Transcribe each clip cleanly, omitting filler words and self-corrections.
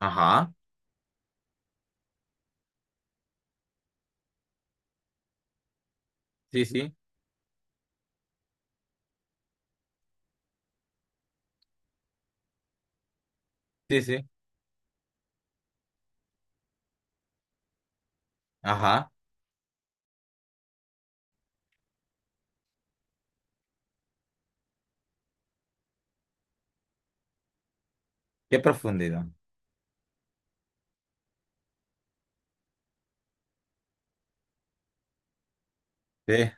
Ajá, sí, sí, sí, sí, ajá, qué profundidad. De,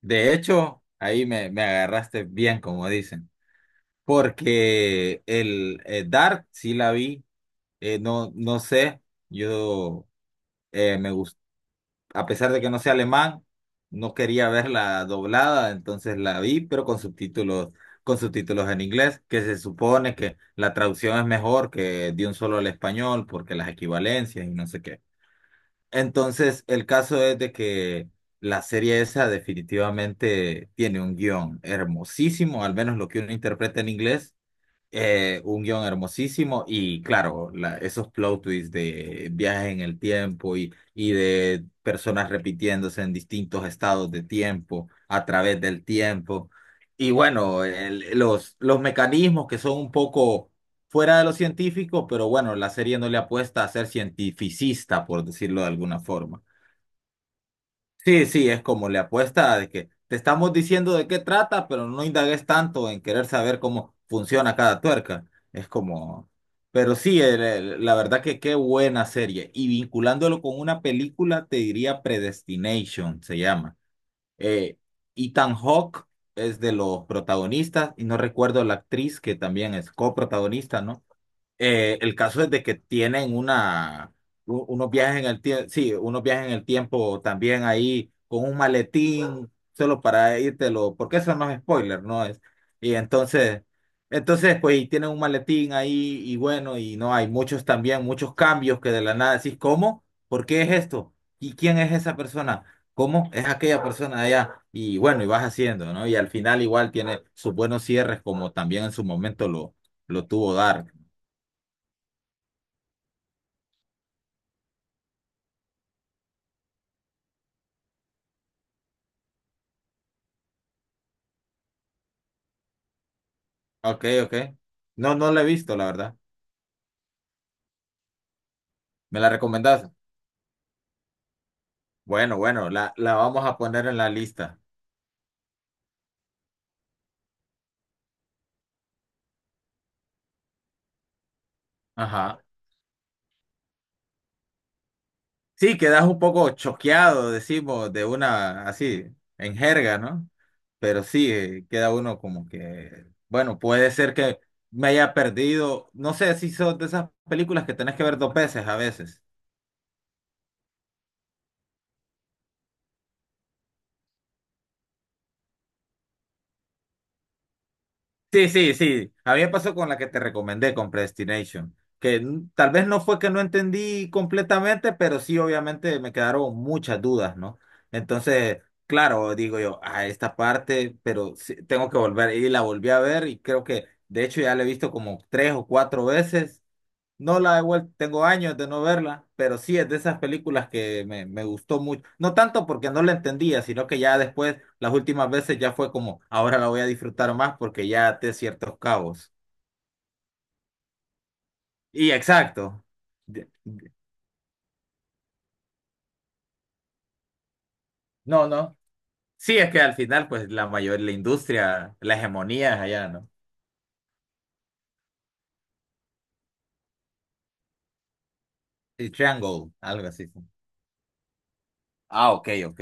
de hecho, ahí me agarraste bien, como dicen, porque el Dark sí la vi. No, no sé, yo eh, me gust- a pesar de que no sé alemán, no quería verla doblada, entonces la vi, pero con subtítulos en inglés, que se supone que la traducción es mejor que de un solo al español, porque las equivalencias y no sé qué. Entonces, el caso es de que la serie esa definitivamente tiene un guión hermosísimo, al menos lo que uno interpreta en inglés. Un guión hermosísimo y claro, esos plot twists de viajes en el tiempo y de personas repitiéndose en distintos estados de tiempo, a través del tiempo. Y bueno, los mecanismos que son un poco fuera de lo científico, pero bueno, la serie no le apuesta a ser cientificista, por decirlo de alguna forma. Sí, sí, es como le apuesta de que te estamos diciendo de qué trata, pero no indagues tanto en querer saber cómo funciona cada tuerca. Es como, pero sí, la verdad que qué buena serie. Y vinculándolo con una película, te diría Predestination, se llama. Eh, Ethan Hawke es de los protagonistas y no recuerdo la actriz que también es coprotagonista, ¿no? El caso es de que tienen una, unos viajes en el tiempo, sí, unos viajes en el tiempo también ahí con un maletín, solo para lo porque eso no es spoiler, ¿no? Es, y entonces, entonces, pues, y tienen un maletín ahí y bueno, y no, hay muchos también, muchos cambios que de la nada decís, ¿cómo? ¿Por qué es esto? ¿Y quién es esa persona? ¿Cómo es aquella persona de allá? Y bueno, y vas haciendo, ¿no? Y al final igual tiene sus buenos cierres, como también en su momento lo tuvo Dark. Ok, ok. No, no la he visto, la verdad. ¿Me la recomendás? Bueno, bueno, la vamos a poner en la lista. Ajá. Sí, quedas un poco choqueado, decimos, de una así, en jerga, ¿no? Pero sí, queda uno como que, bueno, puede ser que me haya perdido. No sé si son de esas películas que tenés que ver dos veces a veces. Sí, sí, sí. A mí me pasó con la que te recomendé, con Predestination, que tal vez no fue que no entendí completamente, pero sí, obviamente me quedaron muchas dudas, ¿no? Entonces, claro, digo yo, a esta parte, pero sí, tengo que volver y la volví a ver y creo que, de hecho, ya la he visto como tres o cuatro veces. No la he vuelto, tengo años de no verla, pero sí es de esas películas que me gustó mucho. No tanto porque no la entendía, sino que ya después, las últimas veces ya fue como, ahora la voy a disfrutar más porque ya até ciertos cabos. Y exacto. De- de- No, no. Sí, es que al final, pues la mayor, la industria, la hegemonía es allá, ¿no? Y Triangle, algo así. Ah, ok, ok.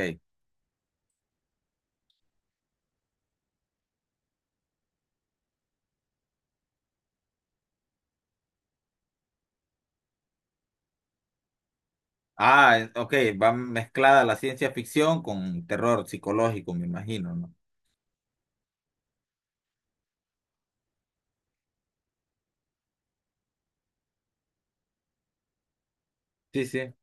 Ah, ok, va mezclada la ciencia ficción con terror psicológico, me imagino, ¿no? Sí, sí.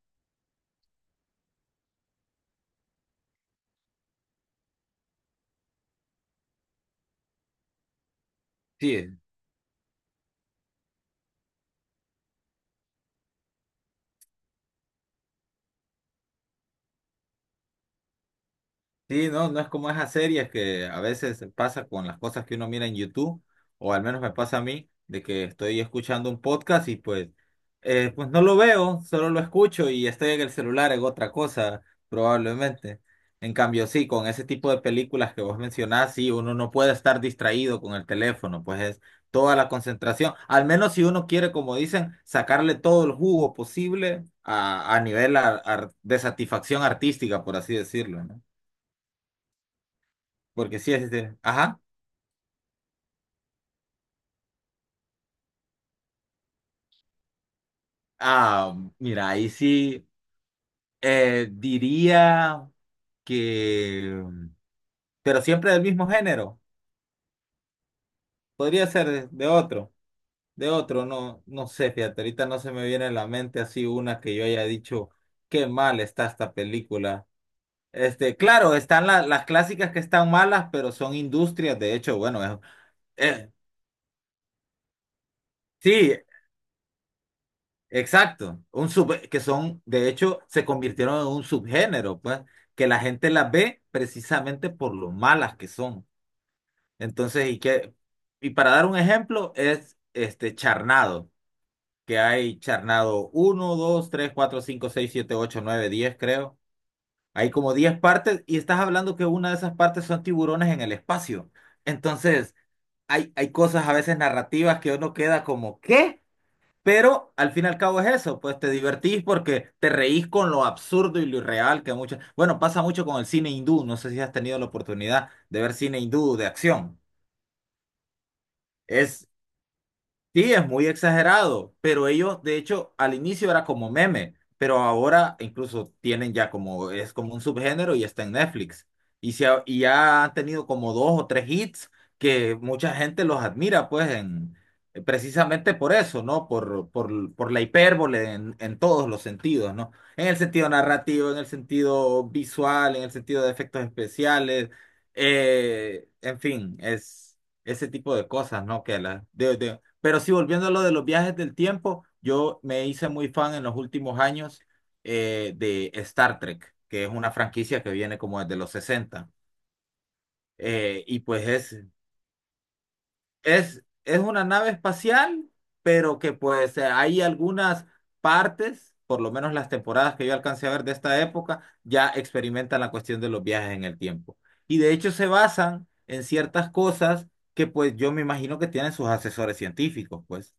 Sí, sí, no, no es como esas series que a veces pasa con las cosas que uno mira en YouTube, o al menos me pasa a mí, de que estoy escuchando un podcast y pues, pues no lo veo, solo lo escucho y estoy en el celular en otra cosa, probablemente. En cambio, sí, con ese tipo de películas que vos mencionás, sí, uno no puede estar distraído con el teléfono, pues es toda la concentración, al menos si uno quiere, como dicen, sacarle todo el jugo posible a nivel de satisfacción artística, por así decirlo, ¿no? Porque sí es este. Ajá. Ah, mira, ahí sí diría que. Pero siempre del mismo género. Podría ser de otro. De otro, no, no sé, fíjate. Ahorita no se me viene a la mente así una que yo haya dicho, qué mal está esta película. Este, claro, están las clásicas que están malas, pero son industrias. De hecho, bueno, eh, sí, exacto, que son, de hecho, se convirtieron en un subgénero, pues, que la gente las ve precisamente por lo malas que son. Entonces, y que, y para dar un ejemplo, es este charnado, que hay charnado 1, 2, 3, 4, 5, 6, 7, 8, 9, 10 creo. Hay como 10 partes, y estás hablando que una de esas partes son tiburones en el espacio. Entonces, hay cosas a veces narrativas que uno queda como, ¿qué? Pero al fin y al cabo es eso, pues te divertís porque te reís con lo absurdo y lo irreal que muchas... Bueno, pasa mucho con el cine hindú, no sé si has tenido la oportunidad de ver cine hindú de acción. Es Sí, es muy exagerado, pero ellos, de hecho, al inicio era como meme, pero ahora incluso tienen ya como, es como un subgénero y está en Netflix. Y, y ya han tenido como dos o tres hits que mucha gente los admira, pues, en, precisamente por eso, ¿no? Por la hipérbole en todos los sentidos, ¿no? En el sentido narrativo, en el sentido visual, en el sentido de efectos especiales, en fin, es ese tipo de cosas, ¿no? Que la, de- Pero sí, volviendo a lo de los viajes del tiempo, yo me hice muy fan en los últimos años de Star Trek, que es una franquicia que viene como desde los 60. Y pues es, es una nave espacial, pero que pues hay algunas partes, por lo menos las temporadas que yo alcancé a ver de esta época, ya experimentan la cuestión de los viajes en el tiempo. Y de hecho se basan en ciertas cosas que pues yo me imagino que tienen sus asesores científicos, pues,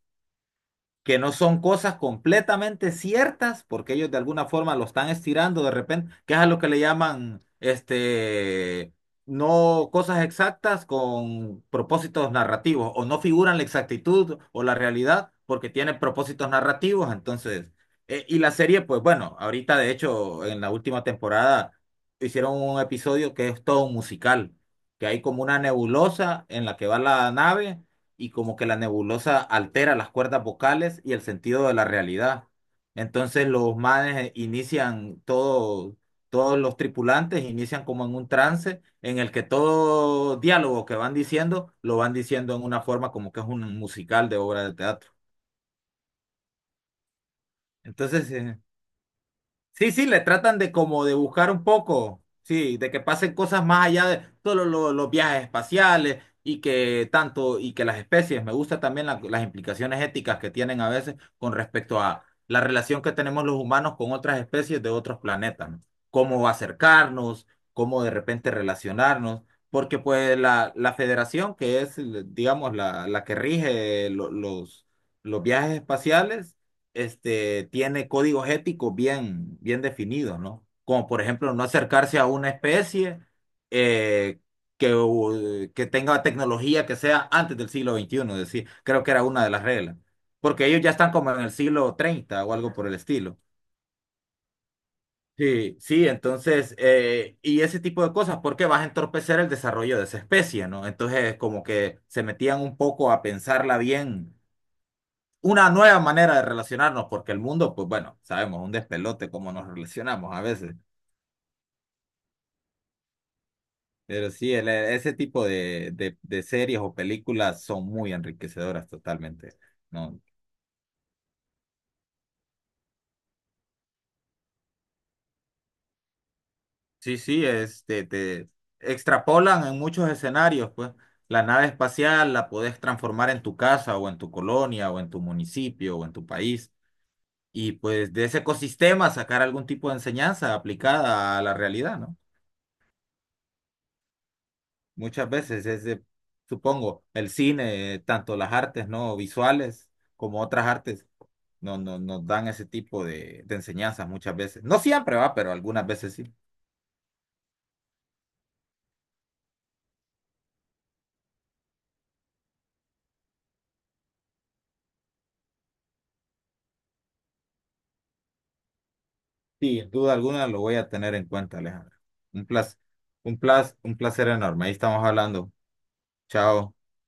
que no son cosas completamente ciertas, porque ellos de alguna forma lo están estirando de repente, que es a lo que le llaman, este, no cosas exactas con propósitos narrativos, o no figuran la exactitud o la realidad porque tienen propósitos narrativos, entonces, y la serie, pues bueno, ahorita de hecho en la última temporada hicieron un episodio que es todo un musical, que hay como una nebulosa en la que va la nave y como que la nebulosa altera las cuerdas vocales y el sentido de la realidad. Entonces los manes inician todo, todos los tripulantes inician como en un trance en el que todo diálogo que van diciendo lo van diciendo en una forma como que es un musical de obra de teatro. Entonces, sí, sí, le tratan de como de buscar un poco, sí, de que pasen cosas más allá de todos los viajes espaciales y que tanto, y que las especies, me gusta también las implicaciones éticas que tienen a veces con respecto a la relación que tenemos los humanos con otras especies de otros planetas, ¿no? Cómo acercarnos, cómo de repente relacionarnos, porque pues la federación que es, digamos, la que rige los viajes espaciales, este, tiene códigos éticos bien, bien definidos, ¿no? Como por ejemplo, no acercarse a una especie eh, que, que tenga tecnología que sea antes del siglo XXI, decir, creo que era una de las reglas, porque ellos ya están como en el siglo 30 o algo por el estilo. Sí, sí, entonces, y ese tipo de cosas, porque vas a entorpecer el desarrollo de esa especie, ¿no? Entonces, como que se metían un poco a pensarla bien, una nueva manera de relacionarnos, porque el mundo, pues bueno, sabemos, un despelote cómo nos relacionamos a veces. Pero sí, ese tipo de, de series o películas son muy enriquecedoras totalmente, ¿no? Sí, sí, este, te extrapolan en muchos escenarios, pues. La nave espacial la podés transformar en tu casa o en tu colonia o en tu municipio o en tu país. Y pues de ese ecosistema sacar algún tipo de enseñanza aplicada a la realidad, ¿no? Muchas veces es de, supongo, el cine, tanto las artes no visuales como otras artes, no, nos dan ese tipo de enseñanzas muchas veces. No siempre va, pero algunas veces sí. Sí, sin duda alguna lo voy a tener en cuenta, Alejandra. Un placer, un placer, un placer enorme. Ahí estamos hablando. Chao.